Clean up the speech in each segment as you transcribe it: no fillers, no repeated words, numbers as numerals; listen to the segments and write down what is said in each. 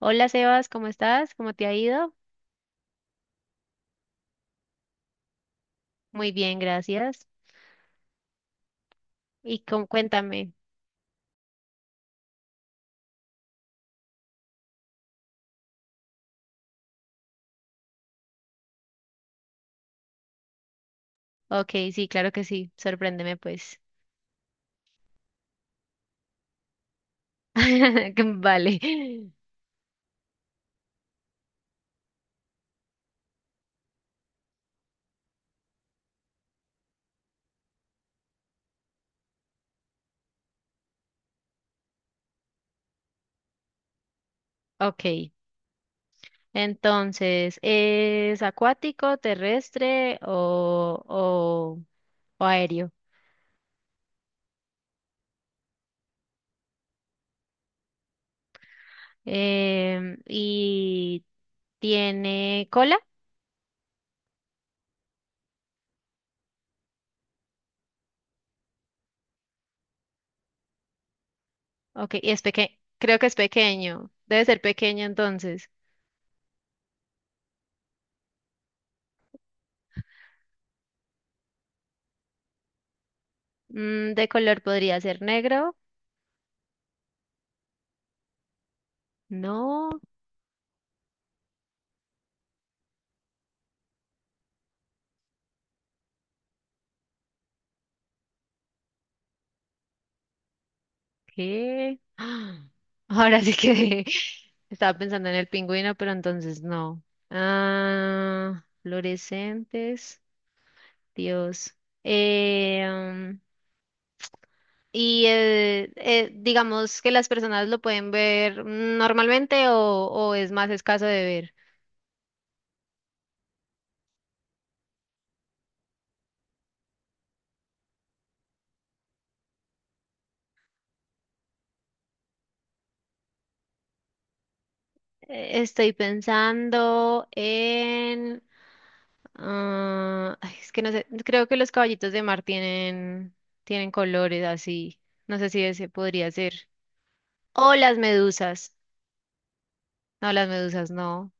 Hola Sebas, ¿cómo estás? ¿Cómo te ha ido? Muy bien, gracias. Y cuéntame. Ok, sí, claro que sí. Sorpréndeme, pues. Vale. Ok. Entonces, ¿es acuático, terrestre o aéreo? ¿Y tiene cola? Ok, y es pequeño. Creo que es pequeño. Debe ser pequeño entonces. ¿De color podría ser negro? No. ¿Qué? ¡Ah! Ahora sí que estaba pensando en el pingüino, pero entonces no. Ah, fluorescentes, Dios. Eh, um, y digamos que las personas lo pueden ver normalmente o es más escaso de ver. Estoy pensando en, ah, ay, es que no sé, creo que los caballitos de mar tienen colores así. No sé si ese podría ser. O las medusas. No, las medusas no.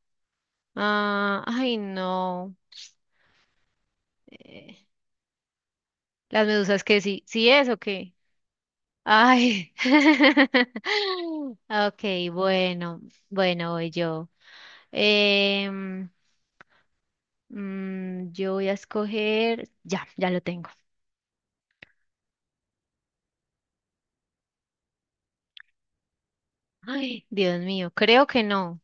Ah, ay, no. Eh, las medusas, que sí, sí es o qué. Ay. Okay, bueno, bueno, voy yo. Em, yo voy a escoger. Ya, ya lo tengo. Ay, Dios mío, creo que no.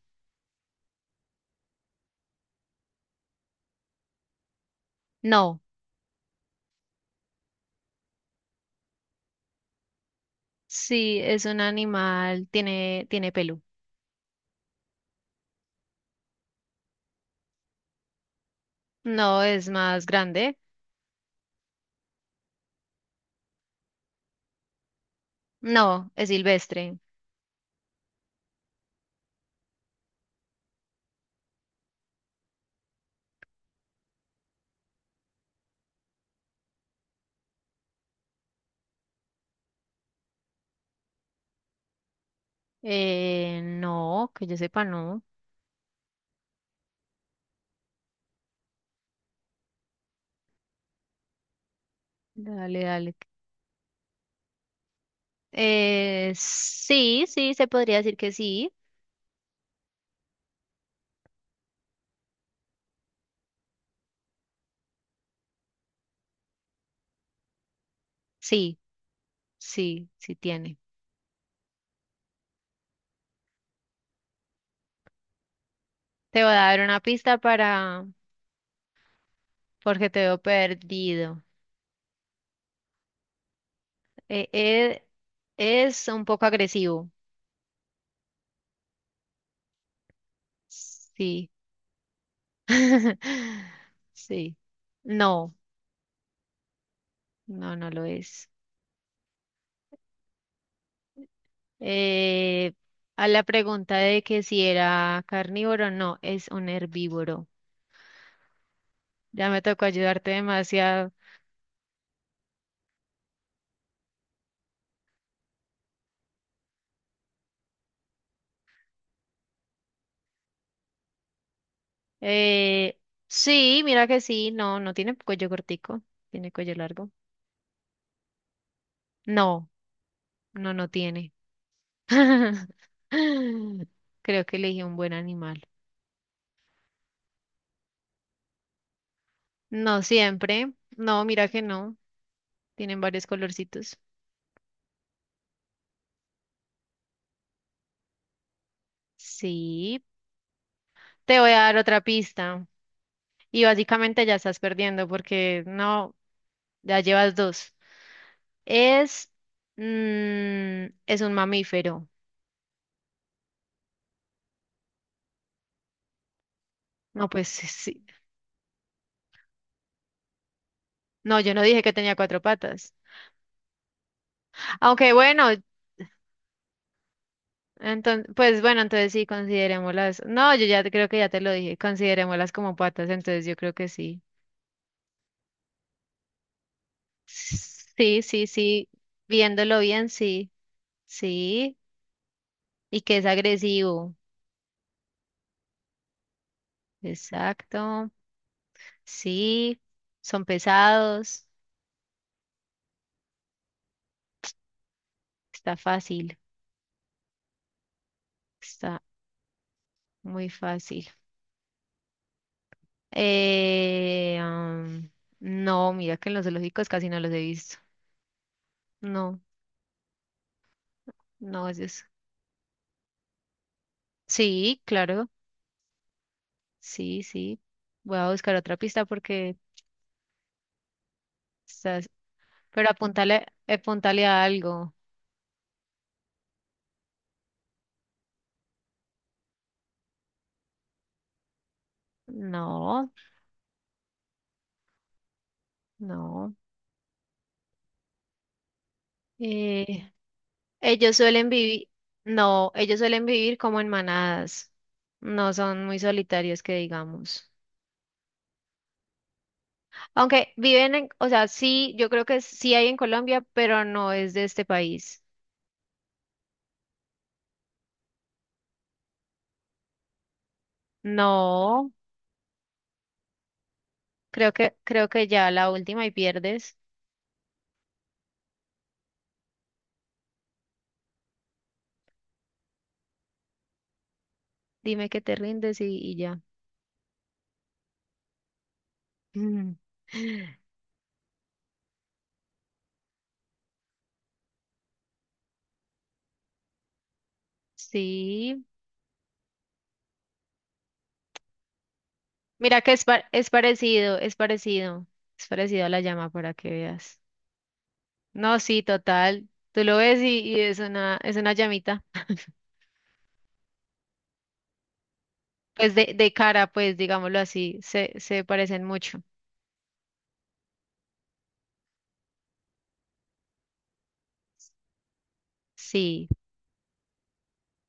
No, sí, es un animal, tiene pelo. No, es más grande. No, es silvestre. No, que yo sepa, no. Dale, dale. Sí, sí, se podría decir que sí. Sí, sí, sí tiene. Te voy a dar una pista porque te veo perdido. Eh, eh, es un poco agresivo. Sí. Sí. No, no, no lo es. Eh, a la pregunta de que si era carnívoro, no, es un herbívoro. Ya me tocó ayudarte demasiado. Eh, sí, mira que sí, no, no tiene cuello cortico, tiene cuello largo. No, no, no tiene. Creo que elegí un buen animal. No siempre, no, mira que no, tienen varios colorcitos. Sí, te voy a dar otra pista y básicamente ya estás perdiendo porque no, ya llevas dos. Es, es un mamífero. No, pues sí. No, yo no dije que tenía cuatro patas. Aunque bueno, entonces, pues bueno, entonces sí, considerémoslas. No, yo ya creo que ya te lo dije, considerémoslas como patas, entonces yo creo que sí. Sí, sí, sí, viéndolo bien, sí, sí, y que es agresivo. Exacto, sí, son pesados, está fácil, está muy fácil. Eh, am, no, mira que en los zoológicos casi no los he visto. No, no es eso. Sí, claro. Sí, sí. Voy a buscar otra pista porque estás. Pero apuntale, apuntale a algo. No, no. Eh, Ellos suelen vivir. No, ellos suelen vivir como en manadas. No son muy solitarios que digamos. Aunque viven en, o sea, sí, yo creo que sí hay en Colombia, pero no es de este país. No, creo que ya la última y pierdes. Dime que te rindes y ya. Sí. Mira que es parecido, es parecido, es parecido a la llama para que veas. No, sí, total. Tú lo ves y es una llamita. Pues de cara, pues digámoslo así, se parecen mucho. Sí,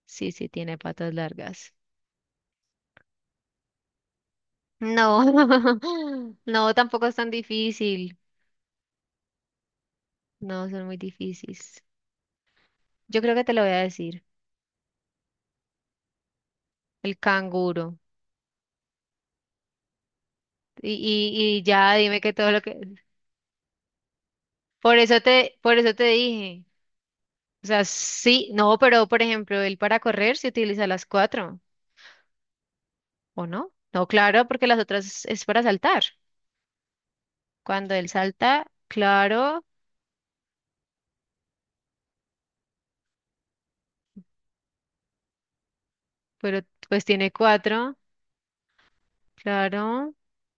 sí, sí, tiene patas largas. No, no, tampoco es tan difícil. No, son muy difíciles. Yo creo que te lo voy a decir. El canguro. Y, y ya dime que todo lo que. Por eso te dije. O sea, sí, no, pero por ejemplo, él para correr se utiliza las cuatro, ¿o no? No, claro, porque las otras es para saltar. Cuando él salta, claro, pero pues tiene cuatro, claro.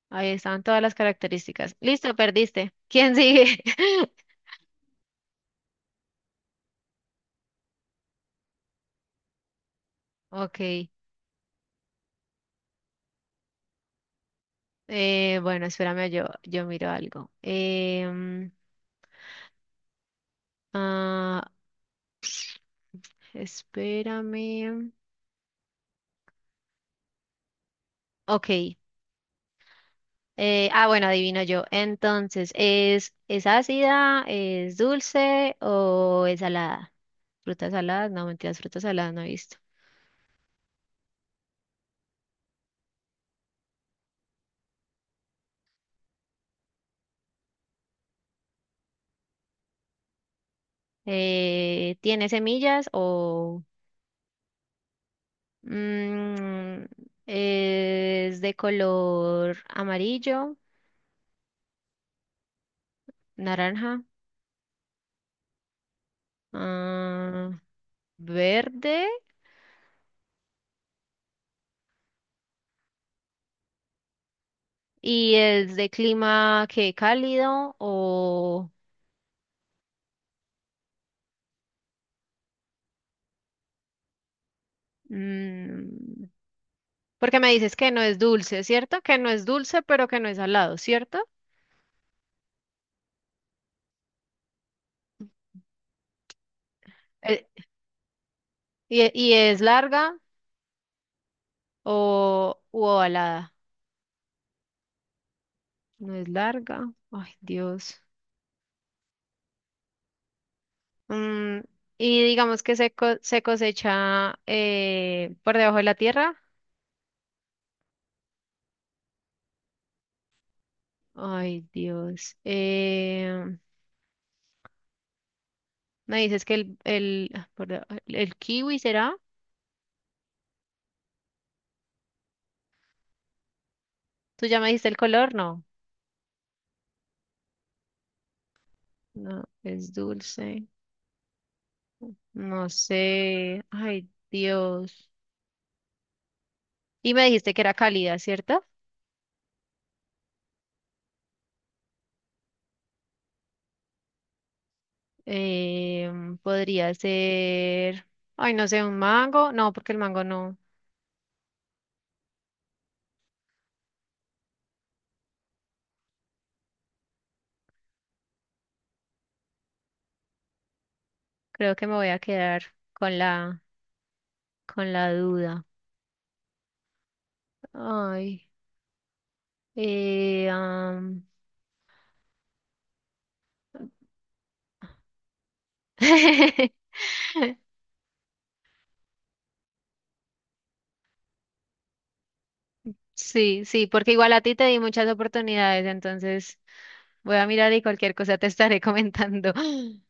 Ahí están todas las características. Listo, perdiste. ¿Quién sigue? Ok. Bueno, espérame, yo miro algo. Ah, Espérame. Ok. Bueno, adivino yo. Entonces, ¿es ácida, es dulce o es salada? Frutas saladas, no, mentiras, frutas saladas no he visto. ¿Tiene semillas o mm, es de color amarillo, naranja, ah, verde? ¿Y es de clima que cálido o? mm, Porque me dices que no es dulce, ¿cierto? Que no es dulce, pero que no es salado, ¿cierto? Eh, y es larga o u ovalada. No es larga. Ay, Dios. Mm, y digamos que se cosecha por debajo de la tierra. Ay, Dios. Me dices que el, ah, por deba- el kiwi será. ¿Tú ya me dijiste el color? No. No, es dulce. No sé. Ay, Dios. Y me dijiste que era cálida, ¿cierto? Podría ser, ay, no sé, un mango. No, porque el mango no. Creo que me voy a quedar con la duda. Ay, eh, am, Sí, sí, porque igual a ti te di muchas oportunidades, entonces voy a mirar y cualquier cosa te estaré comentando.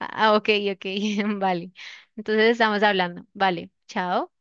Ah, ok, ok, vale. Entonces estamos hablando. Vale, chao.